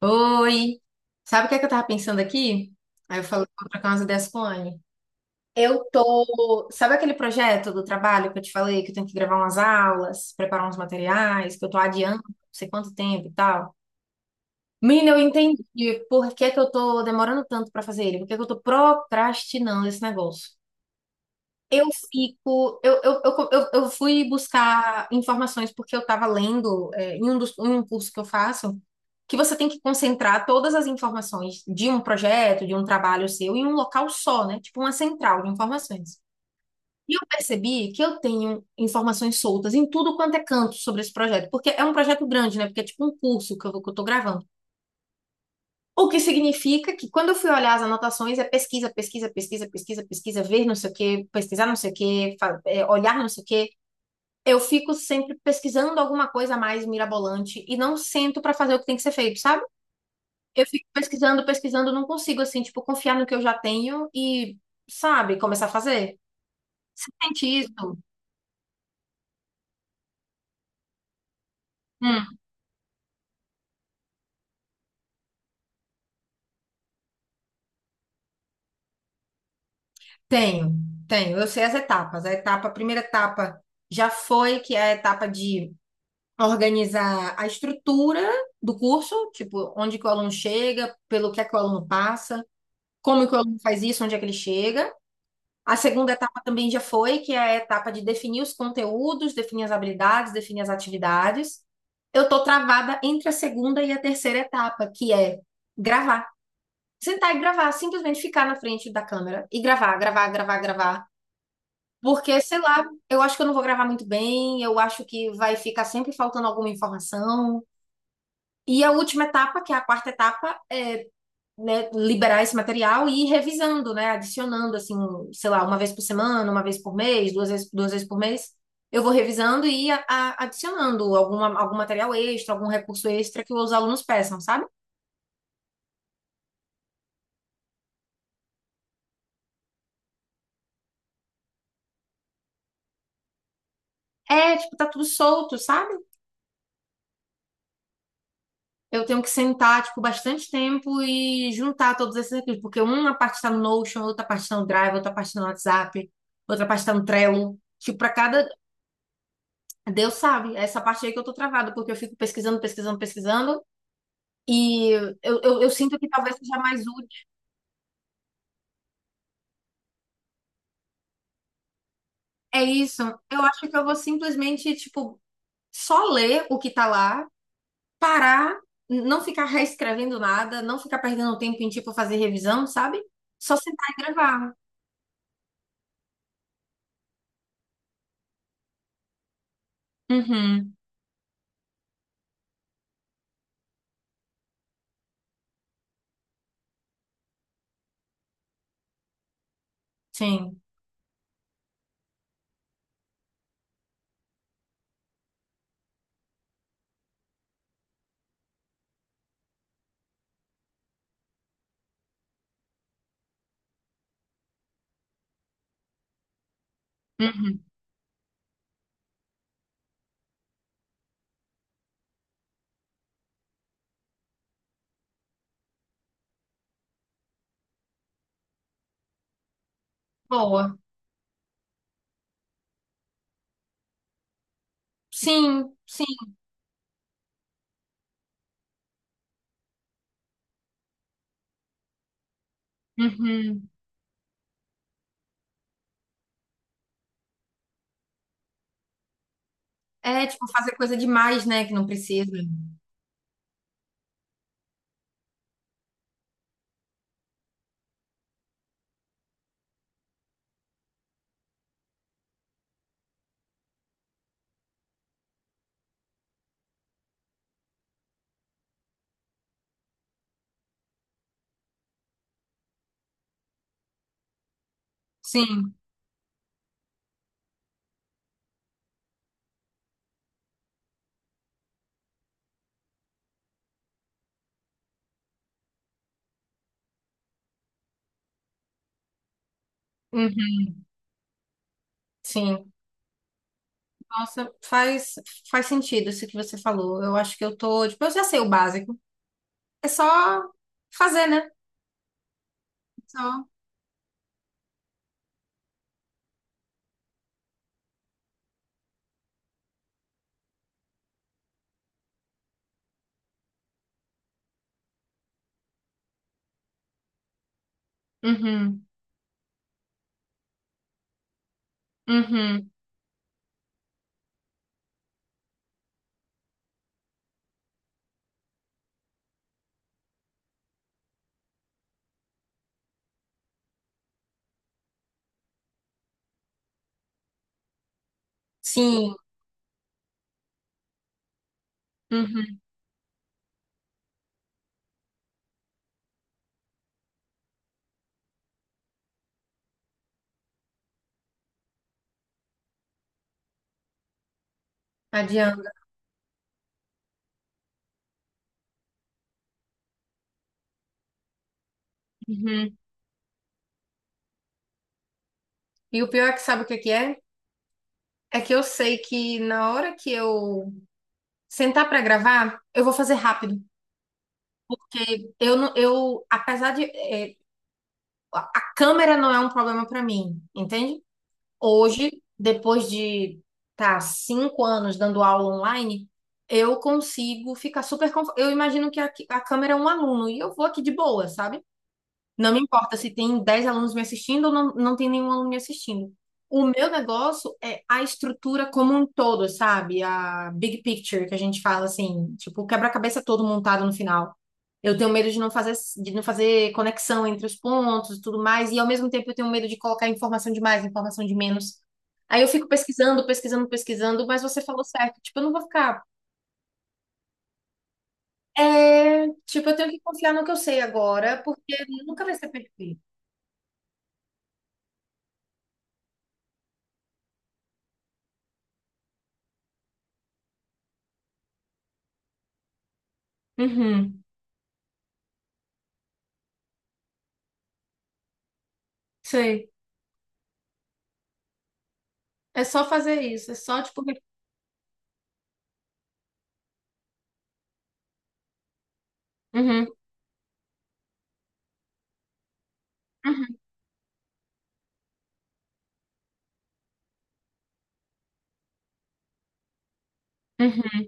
Oi! Sabe o que é que eu tava pensando aqui? Aí eu falei, vou trocar umas ideias com a Anne. Eu tô. Sabe aquele projeto do trabalho que eu te falei que eu tenho que gravar umas aulas, preparar uns materiais, que eu tô adiando não sei quanto tempo e tal? Menina, eu entendi por que que eu tô demorando tanto pra fazer ele, por que que eu tô procrastinando esse negócio. Eu fico, eu fui buscar informações porque eu estava lendo, em em um curso que eu faço, que você tem que concentrar todas as informações de um projeto, de um trabalho seu, em um local só, né? Tipo uma central de informações. E eu percebi que eu tenho informações soltas em tudo quanto é canto sobre esse projeto, porque é um projeto grande, né? Porque é tipo um curso que eu tô gravando. O que significa que quando eu fui olhar as anotações, é pesquisa, pesquisa, pesquisa, pesquisa, pesquisa, ver não sei o quê, pesquisar não sei o quê, olhar não sei o quê. Eu fico sempre pesquisando alguma coisa mais mirabolante e não sento pra fazer o que tem que ser feito, sabe? Eu fico pesquisando, pesquisando, não consigo, assim, tipo, confiar no que eu já tenho e, sabe, começar a fazer. Sente isso? Hum. Tenho, tenho. Eu sei as etapas. A primeira etapa já foi, que é a etapa de organizar a estrutura do curso, tipo, onde que o aluno chega, pelo que é que o aluno passa, como que o aluno faz isso, onde é que ele chega. A segunda etapa também já foi, que é a etapa de definir os conteúdos, definir as habilidades, definir as atividades. Eu tô travada entre a segunda e a terceira etapa, que é gravar. Sentar e gravar, simplesmente ficar na frente da câmera e gravar, gravar, gravar, gravar. Porque, sei lá, eu acho que eu não vou gravar muito bem, eu acho que vai ficar sempre faltando alguma informação. E a última etapa, que é a quarta etapa, né, liberar esse material e ir revisando, né, adicionando, assim, sei lá, uma vez por semana, uma vez por mês, duas vezes por mês. Eu vou revisando e adicionando algum material extra, algum recurso extra que os alunos peçam, sabe? É, tipo, tá tudo solto, sabe? Eu tenho que sentar, tipo, bastante tempo e juntar todos esses recursos, porque uma parte tá no Notion, outra parte tá no Drive, outra parte tá no WhatsApp, outra parte tá no Trello. Tipo, para cada. Deus sabe, é essa parte aí que eu tô travada, porque eu fico pesquisando, pesquisando, pesquisando, e eu sinto que talvez seja mais útil. É isso, eu acho que eu vou simplesmente, tipo, só ler o que tá lá, parar, não ficar reescrevendo nada, não ficar perdendo tempo em, tipo, fazer revisão, sabe? Só sentar e gravar. Uhum, sim. Uhum. Boa. Sim, sim. Uhum. É, tipo, fazer coisa demais, né, que não precisa. Sim. Uhum. Sim. Nossa, faz sentido isso que você falou. Eu acho que eu tô, tipo, eu já sei o básico. É só fazer, né? Só. Uhum, uhum. Sim, uhum. Adianta. Uhum. E o pior é que sabe o que que é? É que eu sei que na hora que eu sentar pra gravar, eu vou fazer rápido. Porque eu não, eu, apesar de, a câmera não é um problema pra mim, entende? Hoje, depois de tá 5 anos dando aula online, eu consigo ficar super confortável. Eu imagino que a câmera é um aluno e eu vou aqui de boa, sabe? Não me importa se tem 10 alunos me assistindo ou não, não tem nenhum aluno me assistindo. O meu negócio é a estrutura como um todo, sabe? A big picture que a gente fala assim, tipo, o quebra-cabeça todo montado no final. Eu tenho medo de não fazer conexão entre os pontos e tudo mais, e ao mesmo tempo eu tenho medo de colocar informação de mais, informação de menos. Aí eu fico pesquisando, pesquisando, pesquisando, mas você falou certo, tipo, eu não vou ficar. É, tipo, eu tenho que confiar no que eu sei agora, porque nunca vai ser perfeito. Uhum, sei. É só fazer isso, é só tipo. Uhum, uhum, uhum.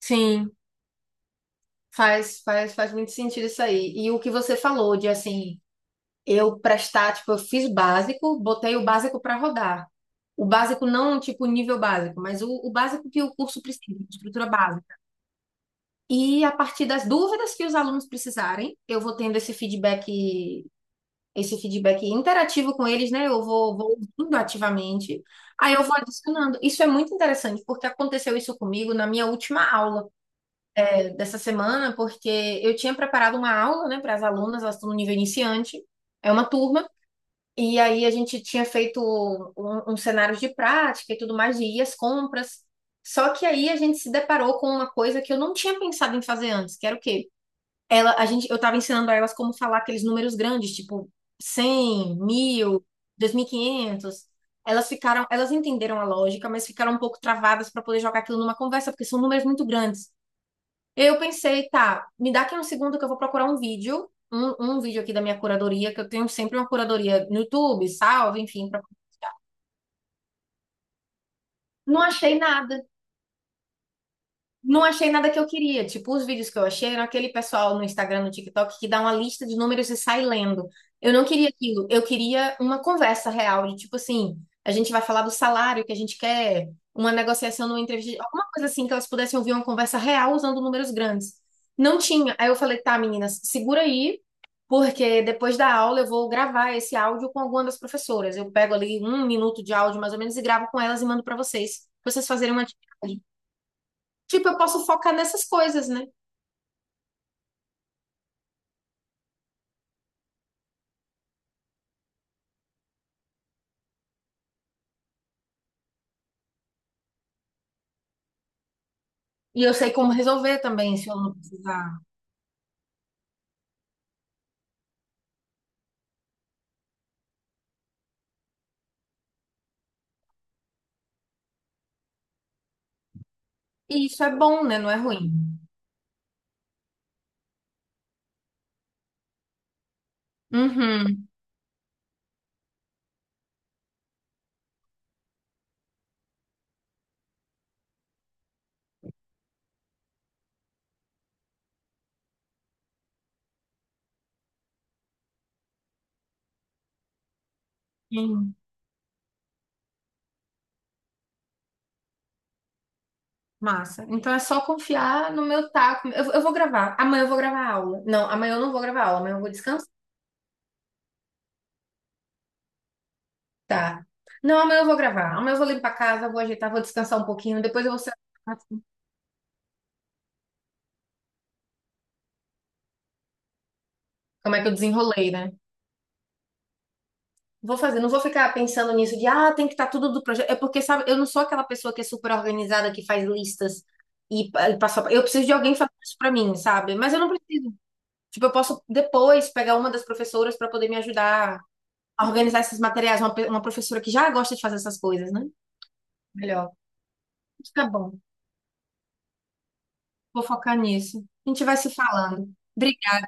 Sim, faz muito sentido isso aí. E o que você falou de assim, eu prestar, tipo, eu fiz o básico, botei o básico para rodar. O básico não, tipo, nível básico, mas o básico que o curso precisa, estrutura básica. E a partir das dúvidas que os alunos precisarem, eu vou tendo esse feedback interativo com eles, né? Eu vou ouvindo ativamente, aí eu vou adicionando. Isso é muito interessante, porque aconteceu isso comigo na minha última aula dessa semana, porque eu tinha preparado uma aula, né, para as alunas, elas estão no nível iniciante, é uma turma. E aí a gente tinha feito um cenário de prática e tudo mais, de ir às compras. Só que aí a gente se deparou com uma coisa que eu não tinha pensado em fazer antes, que era o quê? Eu tava ensinando a elas como falar aqueles números grandes, tipo 100, 1000, 500. Elas ficaram, elas entenderam a lógica, mas ficaram um pouco travadas para poder jogar aquilo numa conversa, porque são números muito grandes. Eu pensei, tá, me dá aqui um segundo que eu vou procurar um vídeo aqui da minha curadoria, que eu tenho sempre uma curadoria no YouTube, salve, enfim. Não achei nada. Não achei nada que eu queria. Tipo, os vídeos que eu achei eram aquele pessoal no Instagram, no TikTok, que dá uma lista de números e sai lendo. Eu não queria aquilo. Eu queria uma conversa real, de tipo assim, a gente vai falar do salário que a gente quer, uma negociação numa entrevista, alguma coisa assim, que elas pudessem ouvir uma conversa real usando números grandes. Não tinha. Aí eu falei, tá, meninas, segura aí, porque depois da aula eu vou gravar esse áudio com alguma das professoras. Eu pego ali um minuto de áudio, mais ou menos, e gravo com elas e mando para vocês, pra vocês fazerem uma atividade. Tipo, eu posso focar nessas coisas, né? E eu sei como resolver também, se eu não precisar. E isso é bom, né? Não é ruim. Uhum. Sim. Massa. Então é só confiar no meu taco. Eu vou gravar. Amanhã eu vou gravar aula. Não, amanhã eu não vou gravar aula. Amanhã eu vou descansar. Não, amanhã eu vou gravar. Amanhã eu vou limpar a casa, vou ajeitar, vou descansar um pouquinho. Depois eu vou ser. Como é que eu desenrolei, né? Vou fazer, não vou ficar pensando nisso de, ah, tem que estar tudo do projeto. É porque, sabe, eu não sou aquela pessoa que é super organizada, que faz listas e passa. Eu preciso de alguém fazer isso pra mim, sabe? Mas eu não preciso. Tipo, eu posso depois pegar uma das professoras pra poder me ajudar a organizar esses materiais. Uma professora que já gosta de fazer essas coisas, né? Melhor. Fica bom. Vou focar nisso. A gente vai se falando. Obrigada.